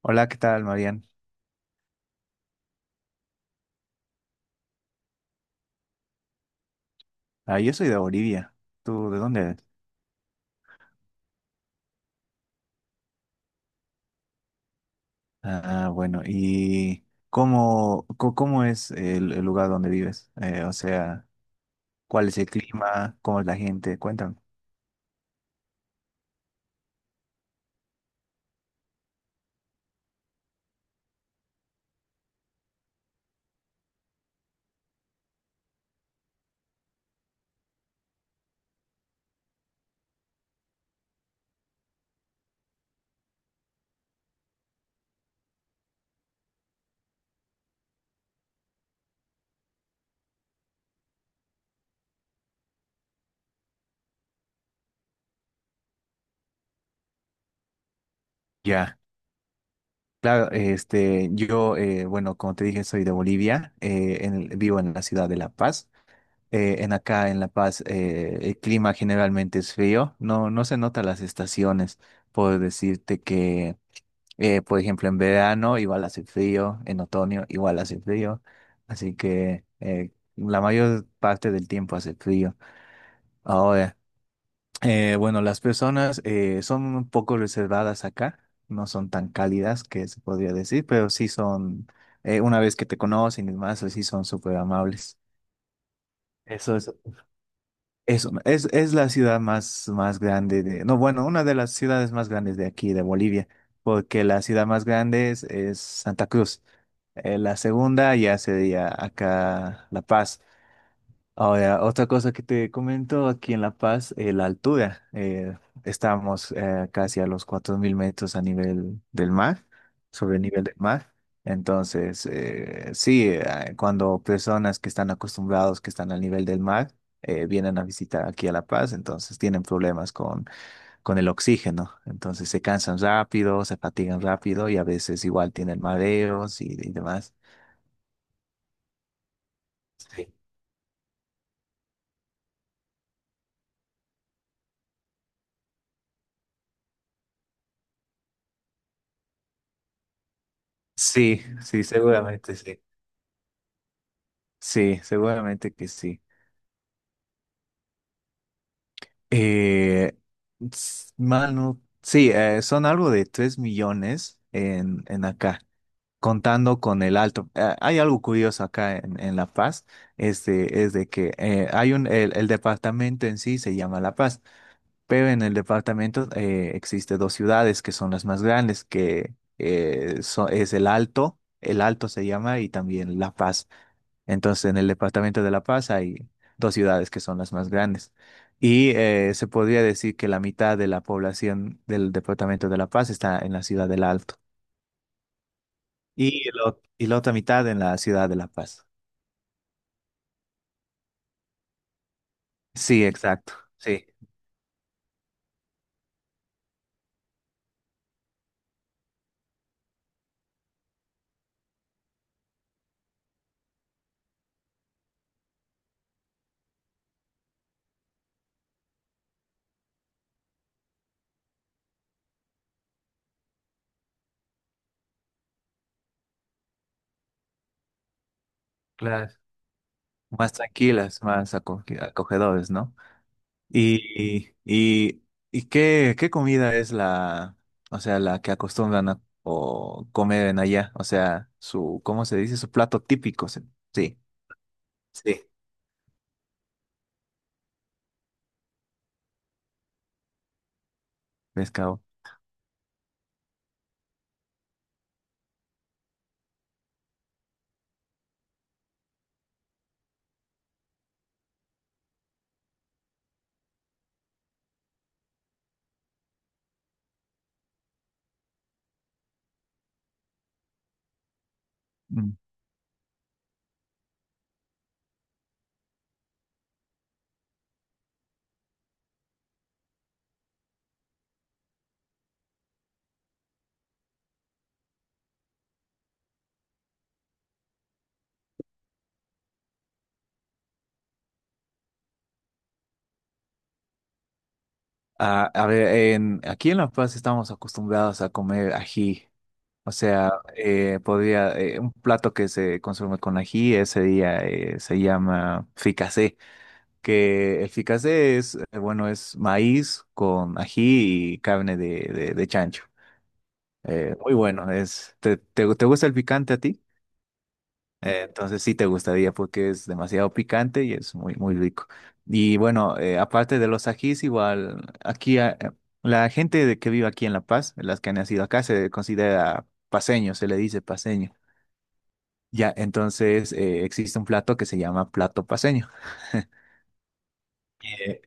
Hola, ¿qué tal, Marian? Ah, yo soy de Bolivia. ¿Tú de dónde eres? Ah, bueno, ¿y cómo es el lugar donde vives? O sea, ¿cuál es el clima? ¿Cómo es la gente? Cuéntame. Ya, claro, bueno, como te dije, soy de Bolivia, en vivo en la ciudad de La Paz. En acá, en La Paz, el clima generalmente es frío, no se notan las estaciones. Puedo decirte que, por ejemplo, en verano igual hace frío, en otoño igual hace frío, así que la mayor parte del tiempo hace frío. Ahora, bueno, las personas son un poco reservadas acá, no son tan cálidas que se podría decir, pero sí son, una vez que te conocen y demás, sí son súper amables. Eso es. Es la ciudad más grande de, no, Bueno, una de las ciudades más grandes de aquí, de Bolivia, porque la ciudad más grande es Santa Cruz. La segunda ya sería acá La Paz. Ahora, otra cosa que te comento aquí en La Paz, la altura. Eh, estamos casi a los 4.000 metros a nivel del mar, sobre el nivel del mar. Entonces, sí, cuando personas que están acostumbrados, que están al nivel del mar, vienen a visitar aquí a La Paz, entonces tienen problemas con el oxígeno. Entonces se cansan rápido, se fatigan rápido y a veces igual tienen mareos y demás. Sí, sí, sí, seguramente sí. Sí, seguramente que sí. Eh, mano, sí, son algo de 3 millones en acá, contando con el alto. Hay algo curioso acá en La Paz, este, es de que el departamento en sí se llama La Paz, pero en el departamento existe dos ciudades que son las más grandes, que es el Alto se llama, y también La Paz. Entonces, en el departamento de La Paz hay dos ciudades que son las más grandes. Y se podría decir que la mitad de la población del departamento de La Paz está en la ciudad del Alto y la otra mitad en la ciudad de La Paz. Sí, exacto. Sí, claro. Más tranquilas, más acogedores, ¿no? Y, y, y qué comida es la, o sea, la que acostumbran a o comer en allá, o sea, su, ¿cómo se dice? Su plato típico. Se- Sí. Sí. Pescado. Mm. Ah, a ver, en, aquí en La Paz estamos acostumbrados a comer ají. O sea, un plato que se consume con ají ese día se llama fricasé, que el fricasé es, bueno, es maíz con ají y carne de chancho. Muy bueno, es, te gusta el picante a ti? Entonces sí te gustaría porque es demasiado picante y es muy, muy rico. Y bueno, aparte de los ajís, igual aquí que vive aquí en La Paz, las que han nacido acá, se considera paseño, se le dice paseño. Ya, entonces existe un plato que se llama plato paseño.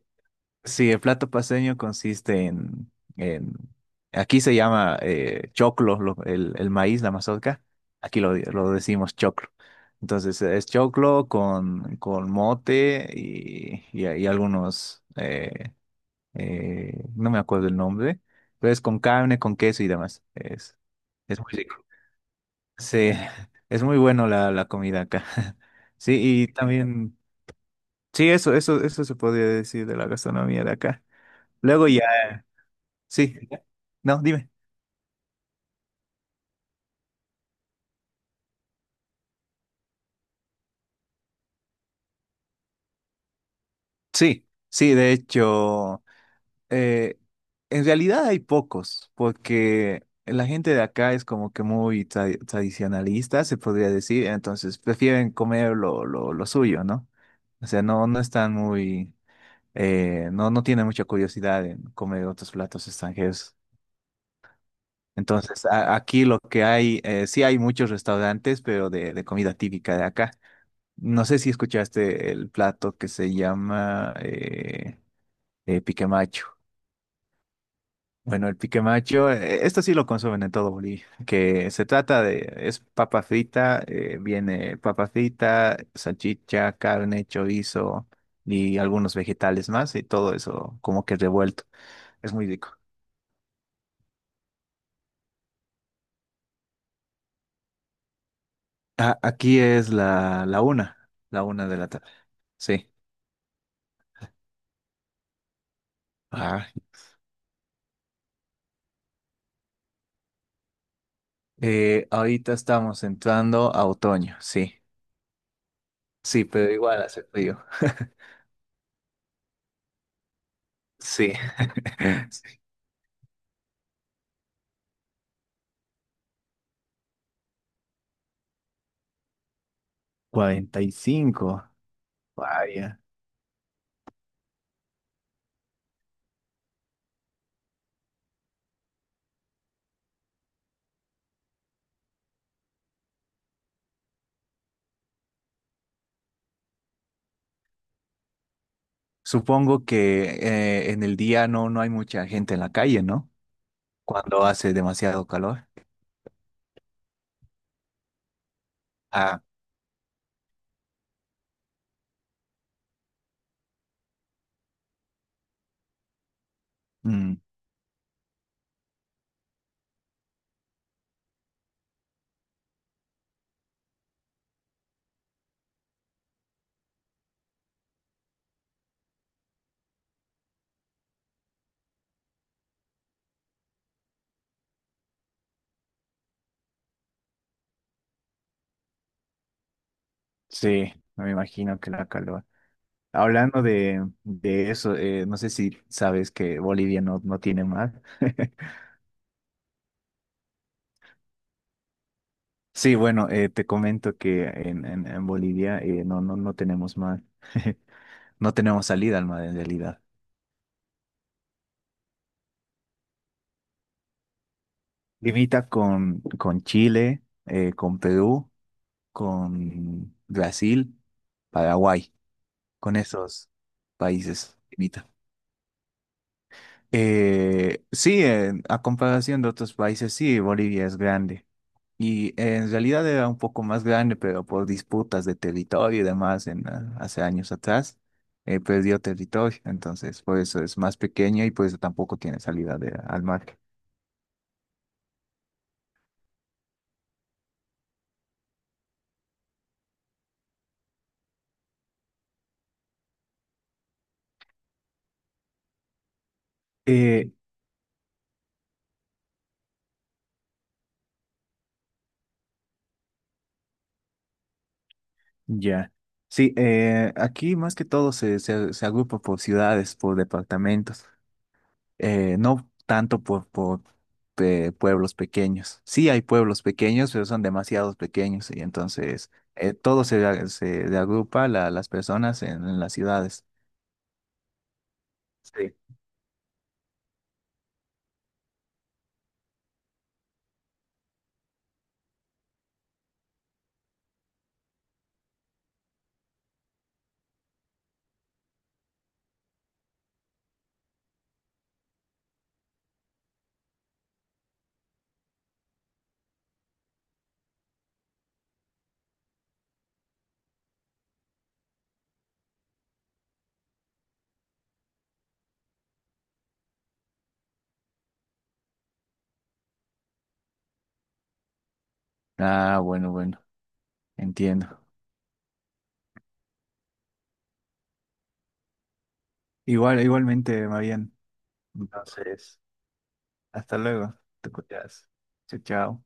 Sí, el plato paceño consiste en- aquí se llama choclo, el maíz, la mazorca, aquí lo decimos choclo. Entonces es choclo con mote y algunos, no me acuerdo el nombre, pero es con carne, con queso y demás. Es muy rico. Sí, es muy bueno la comida acá. Sí, y también, sí, eso se podría decir de la gastronomía de acá. Luego. Sí, no, dime. Sí, sí, de hecho, eh, en realidad hay pocos, porque la gente de acá es como que muy tradicionalista, se podría decir, entonces prefieren comer lo suyo, ¿no? O sea, no están muy, no tienen mucha curiosidad en comer otros platos extranjeros. Entonces, aquí lo que hay, sí hay muchos restaurantes, pero de comida típica de acá. No sé si escuchaste el plato que se llama pique macho. Bueno, el pique macho, esto sí lo consumen en todo Bolivia, que se trata de, es papa frita, viene papa frita, salchicha, carne, chorizo y algunos vegetales más y todo eso como que revuelto. Es muy rico. Aquí es la una de la tarde. Sí. Ah, ahorita estamos entrando a otoño, sí. Sí, pero igual hace frío. Sí. Sí. 45, vaya. Supongo que en el día no hay mucha gente en la calle, ¿no? Cuando hace demasiado calor. Ah, mm, sí, no me imagino que la calor. Hablando de eso, no sé si sabes que Bolivia no tiene mar. Sí, bueno, te comento que en Bolivia no tenemos mar. No tenemos salida al mar en realidad. Limita con Chile, con Perú, con Brasil, Paraguay, con esos países limita. Sí, a comparación de otros países, sí, Bolivia es grande. Y en realidad era un poco más grande, pero por disputas de territorio y demás ah, hace años atrás, perdió territorio. Entonces, por eso es más pequeño y por eso tampoco tiene salida al mar. Eh, ya. Sí, aquí más que todo se agrupa por ciudades, por departamentos. No tanto por pueblos pequeños. Sí hay pueblos pequeños, pero son demasiados pequeños y entonces todo se, se le agrupa las personas en las ciudades. Sí. Ah, bueno, bueno, entiendo. Igual, igualmente, Marian. Entonces, hasta luego. Te cuidas. Chao, chao.